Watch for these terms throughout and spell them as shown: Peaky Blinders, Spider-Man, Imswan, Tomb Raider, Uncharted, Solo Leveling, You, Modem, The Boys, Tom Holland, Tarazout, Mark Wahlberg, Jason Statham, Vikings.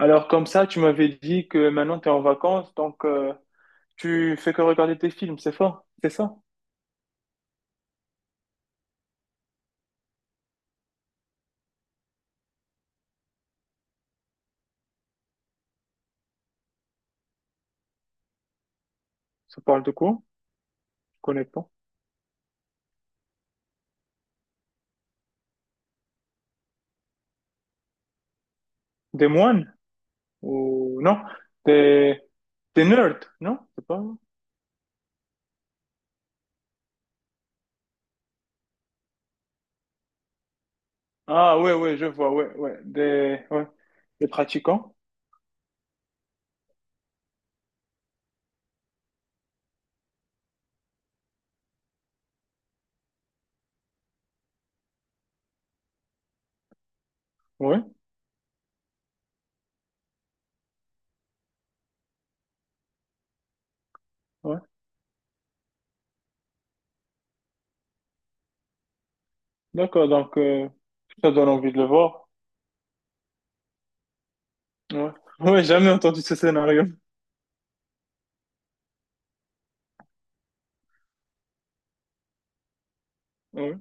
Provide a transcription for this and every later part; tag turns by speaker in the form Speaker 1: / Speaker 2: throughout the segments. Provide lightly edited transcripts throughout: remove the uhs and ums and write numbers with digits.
Speaker 1: Alors comme ça, tu m'avais dit que maintenant tu es en vacances, donc tu fais que regarder tes films, c'est fort, c'est ça? Ça parle de quoi? Je connais pas. Des moines? Ou non? Des, des nerds, non? C'est pas. Ah ouais, ouais, je vois, ouais, ouais. Des, ouais. Des pratiquants? Ouais, ouais. D'accord, donc ça donne envie de le voir. Ouais, ouais, jamais entendu ce scénario. Ouais.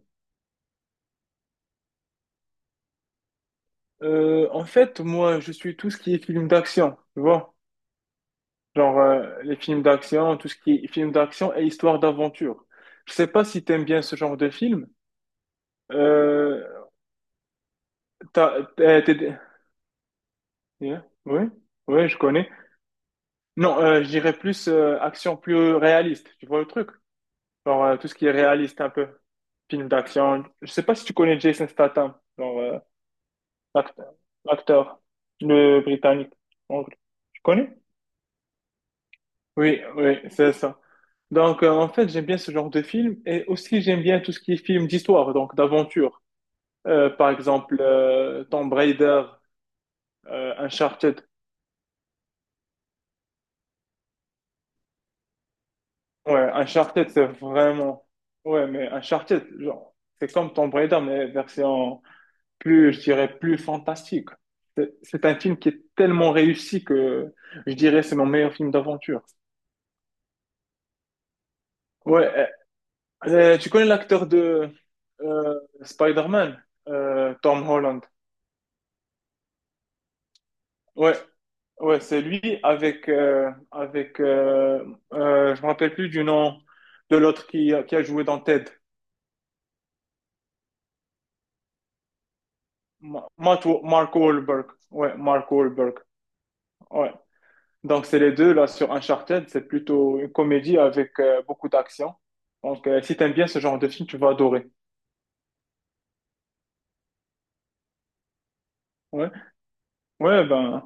Speaker 1: En fait, moi, je suis tout ce qui est film d'action, tu vois. Genre, les films d'action, tout ce qui est film d'action et histoire d'aventure. Je sais pas si t'aimes bien ce genre de film. Euh, t'as, t'es- t'es- Yeah, oui, oui, je connais. Non, je dirais plus action plus réaliste, tu vois le truc? Genre, tout ce qui est réaliste un peu. Film d'action. Je sais pas si tu connais Jason Statham. Genre, L'acteur, l'acteur, le Britannique. En vrai. Tu connais? Oui, oui, c'est ça. Donc, en fait, j'aime bien ce genre de film et aussi j'aime bien tout ce qui est film d'histoire, donc d'aventure. Par exemple, Tomb Raider, Uncharted. Ouais, Uncharted, c'est vraiment. Ouais, mais Uncharted, genre, c'est comme Tomb Raider, mais version plus, je dirais, plus fantastique. C'est un film qui est tellement réussi que je dirais c'est mon meilleur film d'aventure. Ouais, tu connais l'acteur de Spider-Man, Tom Holland. Ouais, ouais, c'est lui avec je me rappelle plus du nom de l'autre qui a joué dans Ted. Mark Wahlberg. Ouais, Mark Wahlberg. Ouais. Donc c'est les deux là sur Uncharted, c'est plutôt une comédie avec beaucoup d'action. Donc si t'aimes bien ce genre de film, tu vas adorer. Ouais. Ouais, ben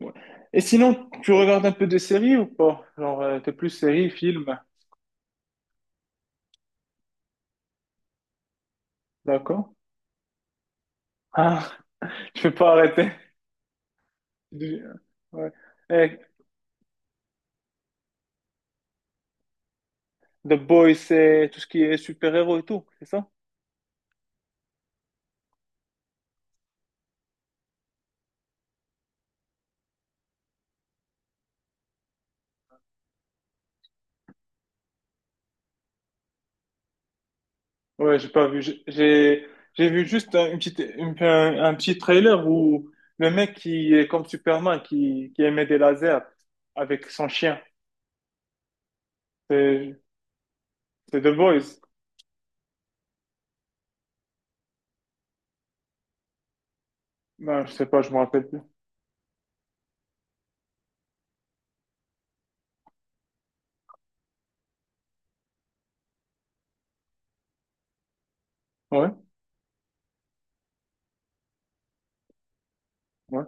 Speaker 1: ouais. Et sinon, tu regardes un peu de séries ou pas? Genre, t'es plus séries, films, d'accord? Ah, je peux pas arrêter. Ouais. Eh, The Boys, c'est tout ce qui est super-héros et tout, c'est ça? Ouais, j'ai pas vu. J'ai vu juste un, une petite, une- un petit trailer où le mec qui est comme Superman, qui émet des lasers avec son chien. C'est c'est The Boys. Non, je sais pas, je me rappelle plus. Ouais, ouais,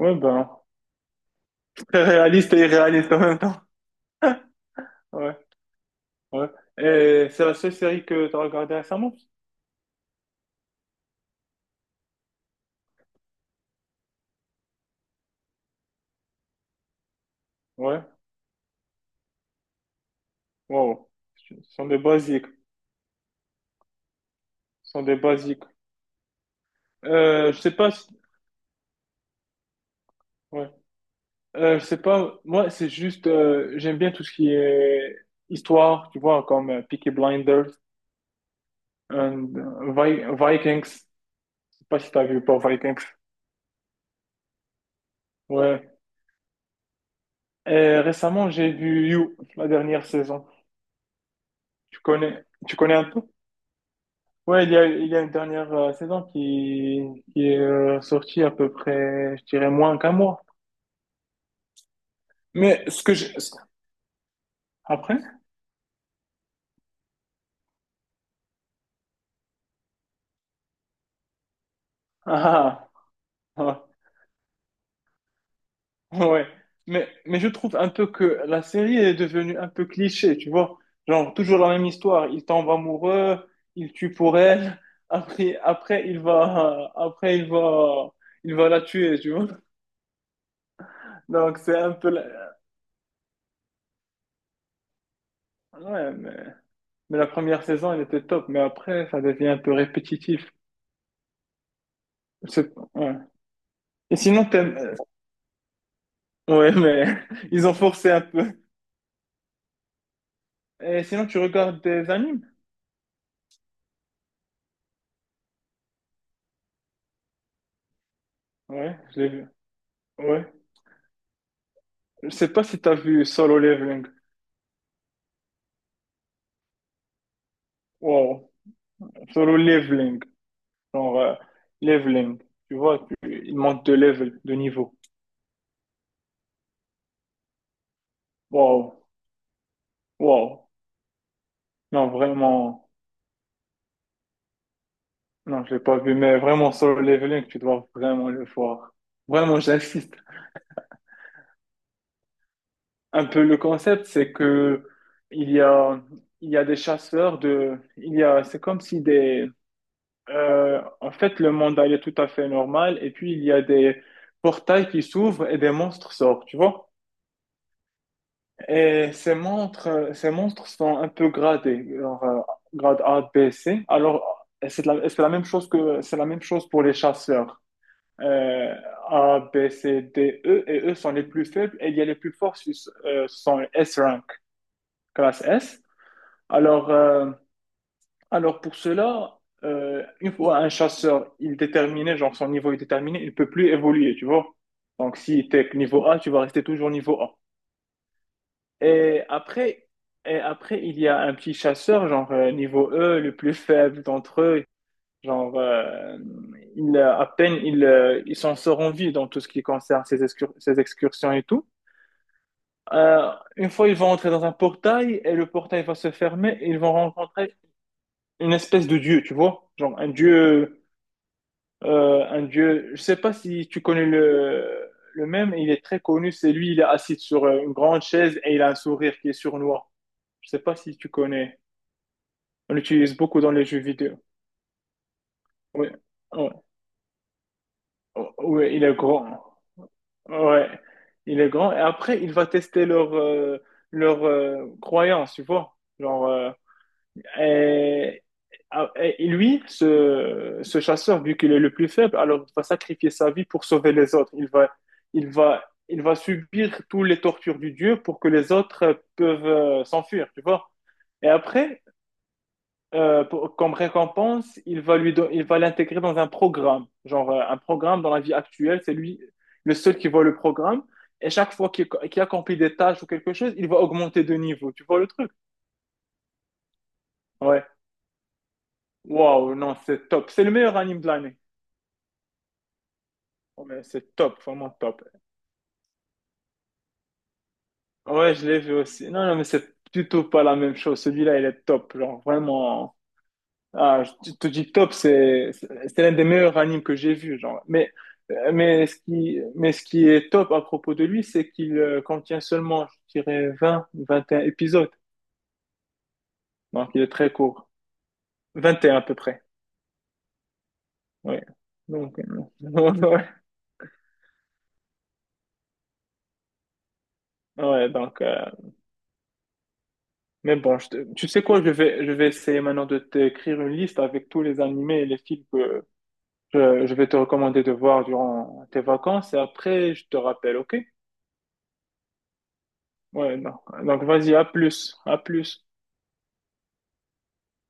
Speaker 1: ouais, ben, très réaliste et irréaliste en même temps. Ouais, ouais. Et c'est la seule série que tu as regardée récemment? Ouais, wow. Ce sont des basiques. Ce sont des basiques. Je sais pas si. Ouais. Je sais pas, moi c'est juste, j'aime bien tout ce qui est histoire, tu vois, comme Peaky Blinders, and, Vikings, je sais pas si t'as vu ou pas Vikings. Ouais. Et récemment j'ai vu You, la dernière saison. Tu connais un peu? Ouais, il y a une dernière saison qui est sortie à peu près, je dirais moins qu'un mois. Mais ce que je... Après? Ah, ah. Ah. Ouais, mais je trouve un peu que la série est devenue un peu cliché, tu vois. Genre, toujours la même histoire. Il tombe amoureux, il tue pour elle, après, après, il va, après, il va la tuer, tu vois. Donc, c'est un peu, ouais, mais la première saison, elle était top, mais après, ça devient un peu répétitif. Ouais. Et sinon, t'aimes, ouais, mais ils ont forcé un peu. Et sinon, tu regardes des animes? Ouais, je l'ai vu. Ouais. Je sais pas si t'as vu Solo Leveling. Wow. Solo leveling, genre leveling. Tu vois, il manque de level, de niveau. Waouh, waouh. Non, vraiment, non, je l'ai pas vu, mais vraiment solo leveling, tu dois vraiment le voir. Vraiment, j'insiste. Un peu le concept, c'est que il y a, il y a des chasseurs de, il y a, c'est comme si des, en fait, le monde allait tout à fait normal, et puis il y a des portails qui s'ouvrent et des monstres sortent, tu vois? Et ces montres sont un peu gradées, genre, grade A, B, C. Alors, c'est la même chose que, c'est la même chose pour les chasseurs. Euh, A, B, C, D, E, et eux sont les plus faibles, et il y a les plus forts, ce sont les S rank, classe S. Alors, euh, alors pour cela, une fois un chasseur, il est déterminé, genre son niveau est déterminé, il peut plus évoluer, tu vois. Donc, si tu es niveau A, tu vas rester toujours niveau A. Et après, et après, il y a un petit chasseur, genre niveau E, le plus faible d'entre eux. Genre, il, à peine il, ils s'en sortent en vie dans tout ce qui concerne ces excursions et tout. Euh, une fois, ils vont entrer dans un portail et le portail va se fermer et ils vont rencontrer une espèce de dieu, tu vois? Genre un dieu. Je sais pas si tu connais le même, il est très connu. C'est lui, il est assis sur une grande chaise et il a un sourire qui est sournois. Je sais pas si tu connais. On l'utilise beaucoup dans les jeux vidéo. Oui, ouais. Ouais, il est grand. Ouais, il est grand. Et après, il va tester leur croyance, tu vois. Genre, et, et lui, ce chasseur, vu qu'il est le plus faible, alors il va sacrifier sa vie pour sauver les autres. Il va, il va subir toutes les tortures du dieu pour que les autres peuvent s'enfuir, tu vois. Et après, comme récompense, il va l'intégrer dans un programme. Genre, un programme dans la vie actuelle, c'est lui le seul qui voit le programme. Et chaque fois qu'il accomplit des tâches ou quelque chose, il va augmenter de niveau. Tu vois le truc? Ouais. Waouh, non, c'est top. C'est le meilleur anime de l'année. Oh, mais c'est top, vraiment top. Ouais, je l'ai vu aussi. Non, non, mais c'est plutôt pas la même chose. Celui-là, il est top. Genre, vraiment. Ah, je te dis top, c'est l'un des meilleurs animes que j'ai vu, genre. Mais mais ce qui est top à propos de lui, c'est qu'il contient seulement, je dirais, 20, 21 épisodes. Donc il est très court, 21 à peu près. Ouais. Donc ouais, ouais, donc mais bon, tu sais quoi, je vais essayer maintenant de t'écrire une liste avec tous les animés et les films que je vais te recommander de voir durant tes vacances et après je te rappelle, OK? Ouais, non. Donc vas-y, à plus, à plus.